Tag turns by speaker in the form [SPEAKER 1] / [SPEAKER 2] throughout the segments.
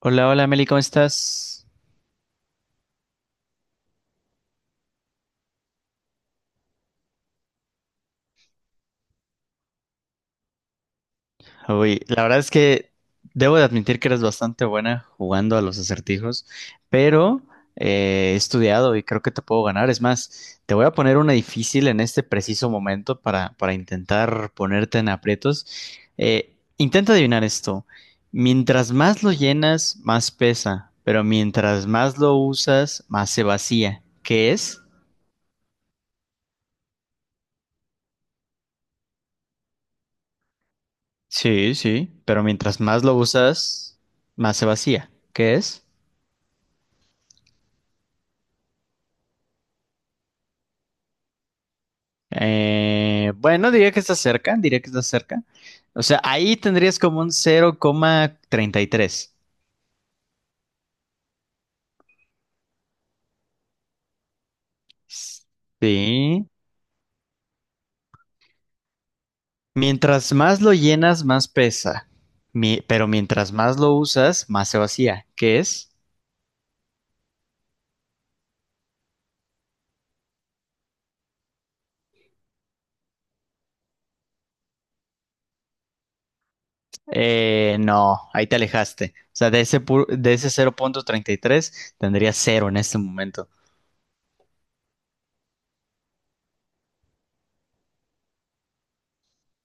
[SPEAKER 1] Hola, hola Meli, ¿cómo estás? Uy, la verdad es que debo de admitir que eres bastante buena jugando a los acertijos, pero he estudiado y creo que te puedo ganar. Es más, te voy a poner una difícil en este preciso momento para intentar ponerte en aprietos. Intenta adivinar esto. Mientras más lo llenas, más pesa, pero mientras más lo usas, más se vacía. ¿Qué es? Sí, sí, pero mientras más lo usas, más se vacía. ¿Qué es? Bueno, diría que está cerca, diría que está cerca. O sea, ahí tendrías como un 0,33. Sí. Mientras más lo llenas, más pesa. Pero mientras más lo usas, más se vacía. ¿Qué es? No, ahí te alejaste. O sea, de ese 0,33 tendría cero en este momento.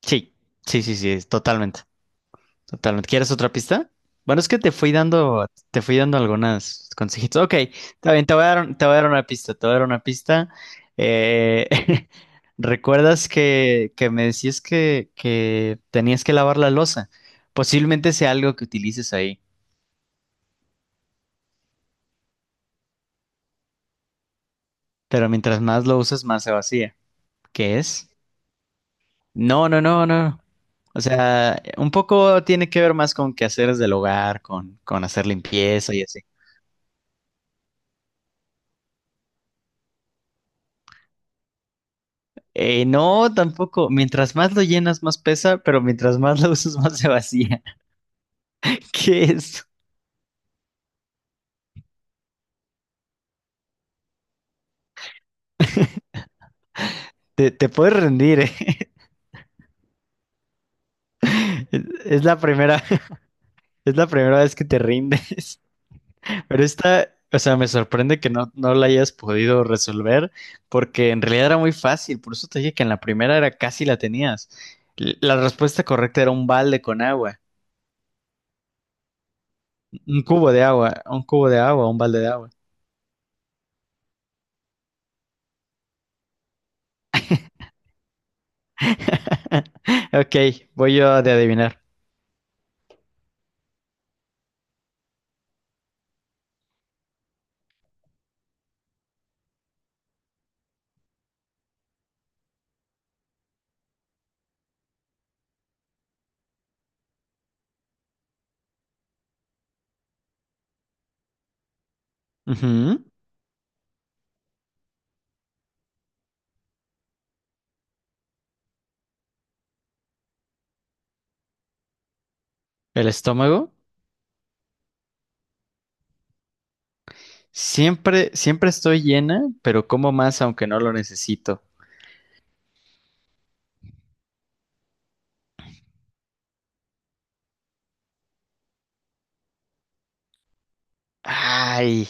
[SPEAKER 1] Sí, sí, sí, sí, totalmente. Totalmente. ¿Quieres otra pista? Bueno, es que te fui dando algunas consejitos. Ok, está bien, te voy a dar una pista, te voy a dar una pista. Eh, ¿recuerdas que me decías que tenías que lavar la losa? Posiblemente sea algo que utilices ahí, pero mientras más lo usas, más se vacía. ¿Qué es? No, no, no, no. O sea, un poco tiene que ver más con quehaceres del hogar, con hacer limpieza y así. No, tampoco. Mientras más lo llenas, más pesa, pero mientras más lo usas, más se vacía. ¿Qué es? Te puedes rendir, ¿eh? Es es la primera, es la primera vez que te rindes. Pero esta, o sea, me sorprende que no la hayas podido resolver, porque en realidad era muy fácil. Por eso te dije que en la primera era casi la tenías. La respuesta correcta era un balde con agua, un cubo de agua, un cubo de agua, un balde de agua. Ok, voy yo de adivinar. Ujú. El estómago. Siempre, siempre estoy llena, pero como más aunque no lo necesito. Ay.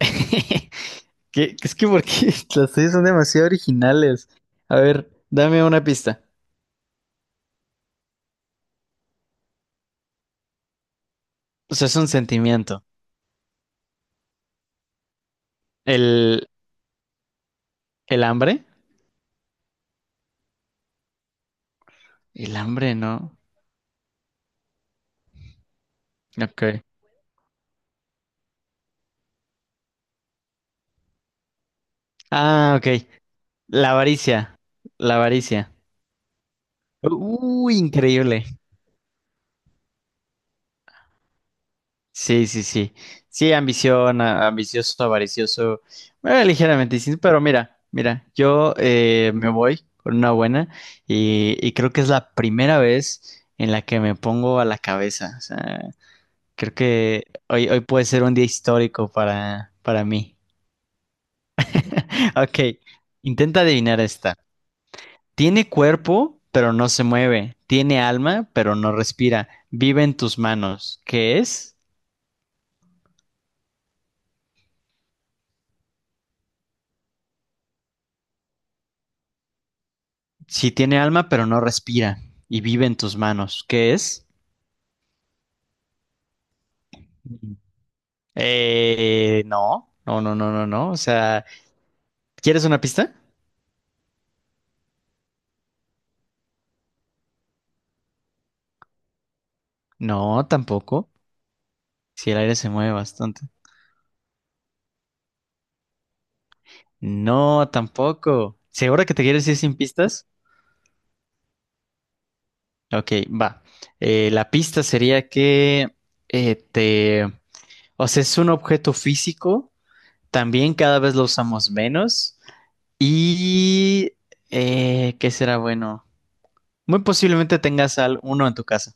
[SPEAKER 1] ¿Qué- Es que porque las tuyas son demasiado originales. A ver, dame una pista. O sea, es un sentimiento. ¿El, ¿el hambre? El hambre, no. Ok. Ah, ok. La avaricia. La avaricia. Uy, increíble. Sí, sí, sí. Sí, ambición, ambicioso, avaricioso, bueno, ligeramente distinto, pero mira, mira, yo me voy con una buena y creo que es la primera vez en la que me pongo a la cabeza. O sea, creo que hoy, hoy puede ser un día histórico para mí. Ok, intenta adivinar esta. Tiene cuerpo, pero no se mueve. Tiene alma, pero no respira. Vive en tus manos. ¿Qué es? Sí tiene alma, pero no respira y vive en tus manos. ¿Qué es? Mm. No, no, no, no, no, no. O sea, ¿quieres una pista? No, tampoco. Si el aire se mueve bastante. No, tampoco. ¿Segura que te quieres ir sin pistas? Ok, va. La pista sería que te... O sea, es un objeto físico. También cada vez lo usamos menos. ¿Y qué será bueno? Muy posiblemente tengas al uno en tu casa.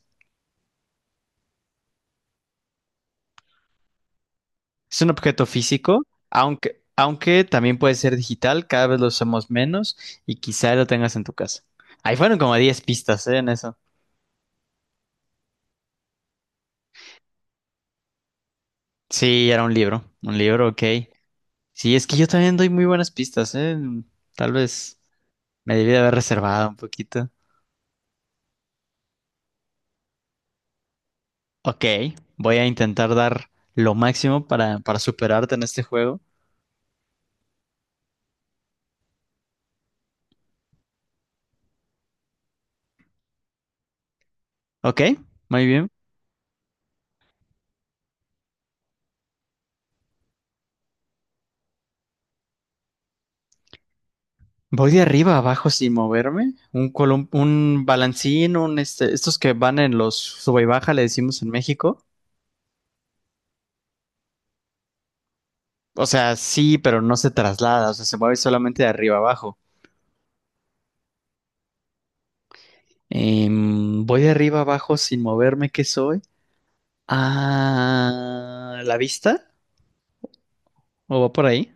[SPEAKER 1] Es un objeto físico, aunque también puede ser digital, cada vez lo usamos menos y quizá lo tengas en tu casa. Ahí fueron como 10 pistas, ¿eh? En eso. Sí, era un libro, ok. Sí, es que yo también doy muy buenas pistas, ¿eh? Tal vez me debí de haber reservado un poquito. Ok, voy a intentar dar lo máximo para superarte en este juego. Ok, muy bien. Voy de arriba a abajo sin moverme. Un balancín, un este, estos que van en los sube y baja, le decimos en México. O sea, sí, pero no se traslada, o sea, se mueve solamente de arriba a abajo. Voy de arriba a abajo sin moverme, ¿qué soy? Ah, ¿la vista? ¿O va por ahí?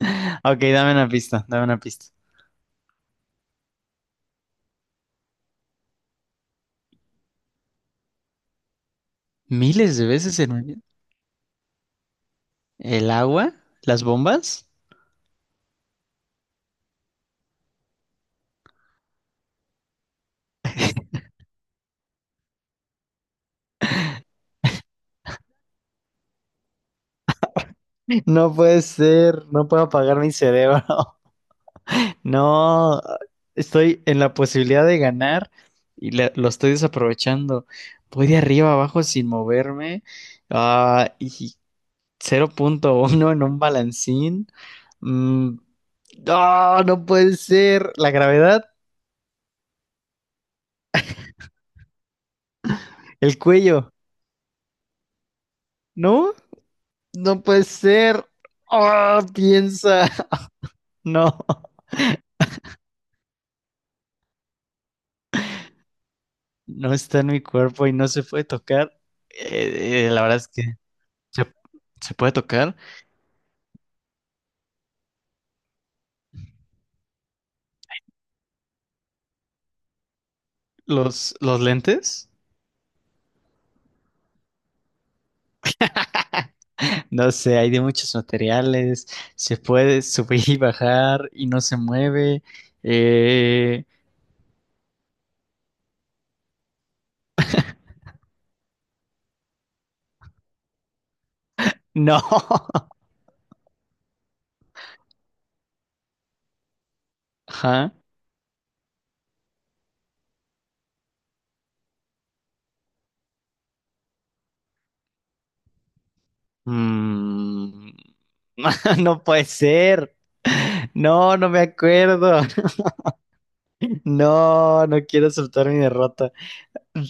[SPEAKER 1] Ok, dame una pista, dame una pista. Miles de veces en un día. ¿El agua? ¿Las bombas? No puede ser, no puedo apagar mi cerebro. No, estoy en la posibilidad de ganar y lo estoy desaprovechando. Voy de arriba abajo sin moverme. Ah, y 0.1 en un balancín. Mm, no, no puede ser. La gravedad, el cuello. No, no puede ser. Ah, piensa. No, no está en mi cuerpo y no se puede tocar. La verdad es que se, se puede tocar los lentes. No sé, hay de muchos materiales, se puede subir y bajar y no se mueve. Eh, no. Ajá. Mm. No puede ser. No, no me acuerdo. No, no quiero aceptar mi derrota.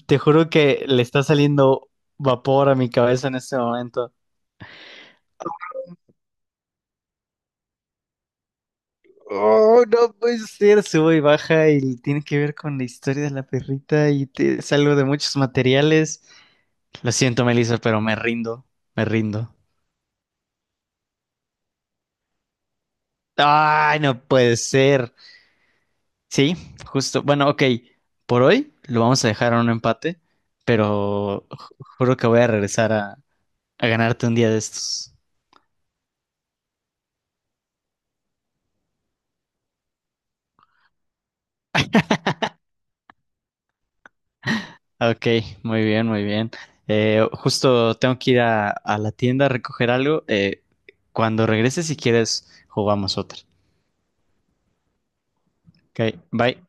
[SPEAKER 1] Te juro que le está saliendo vapor a mi cabeza en este momento. Oh, no puede ser. Subo y baja y tiene que ver con la historia de la perrita y te, es algo de muchos materiales. Lo siento, Melissa, pero me rindo, me rindo. Ay, no puede ser. Sí, justo. Bueno, ok. Por hoy lo vamos a dejar a un empate, pero juro que voy a regresar a ganarte un día de estos. Ok, muy bien, muy bien. Justo tengo que ir a la tienda a recoger algo. Cuando regreses, si quieres, jugamos otra. Ok, bye.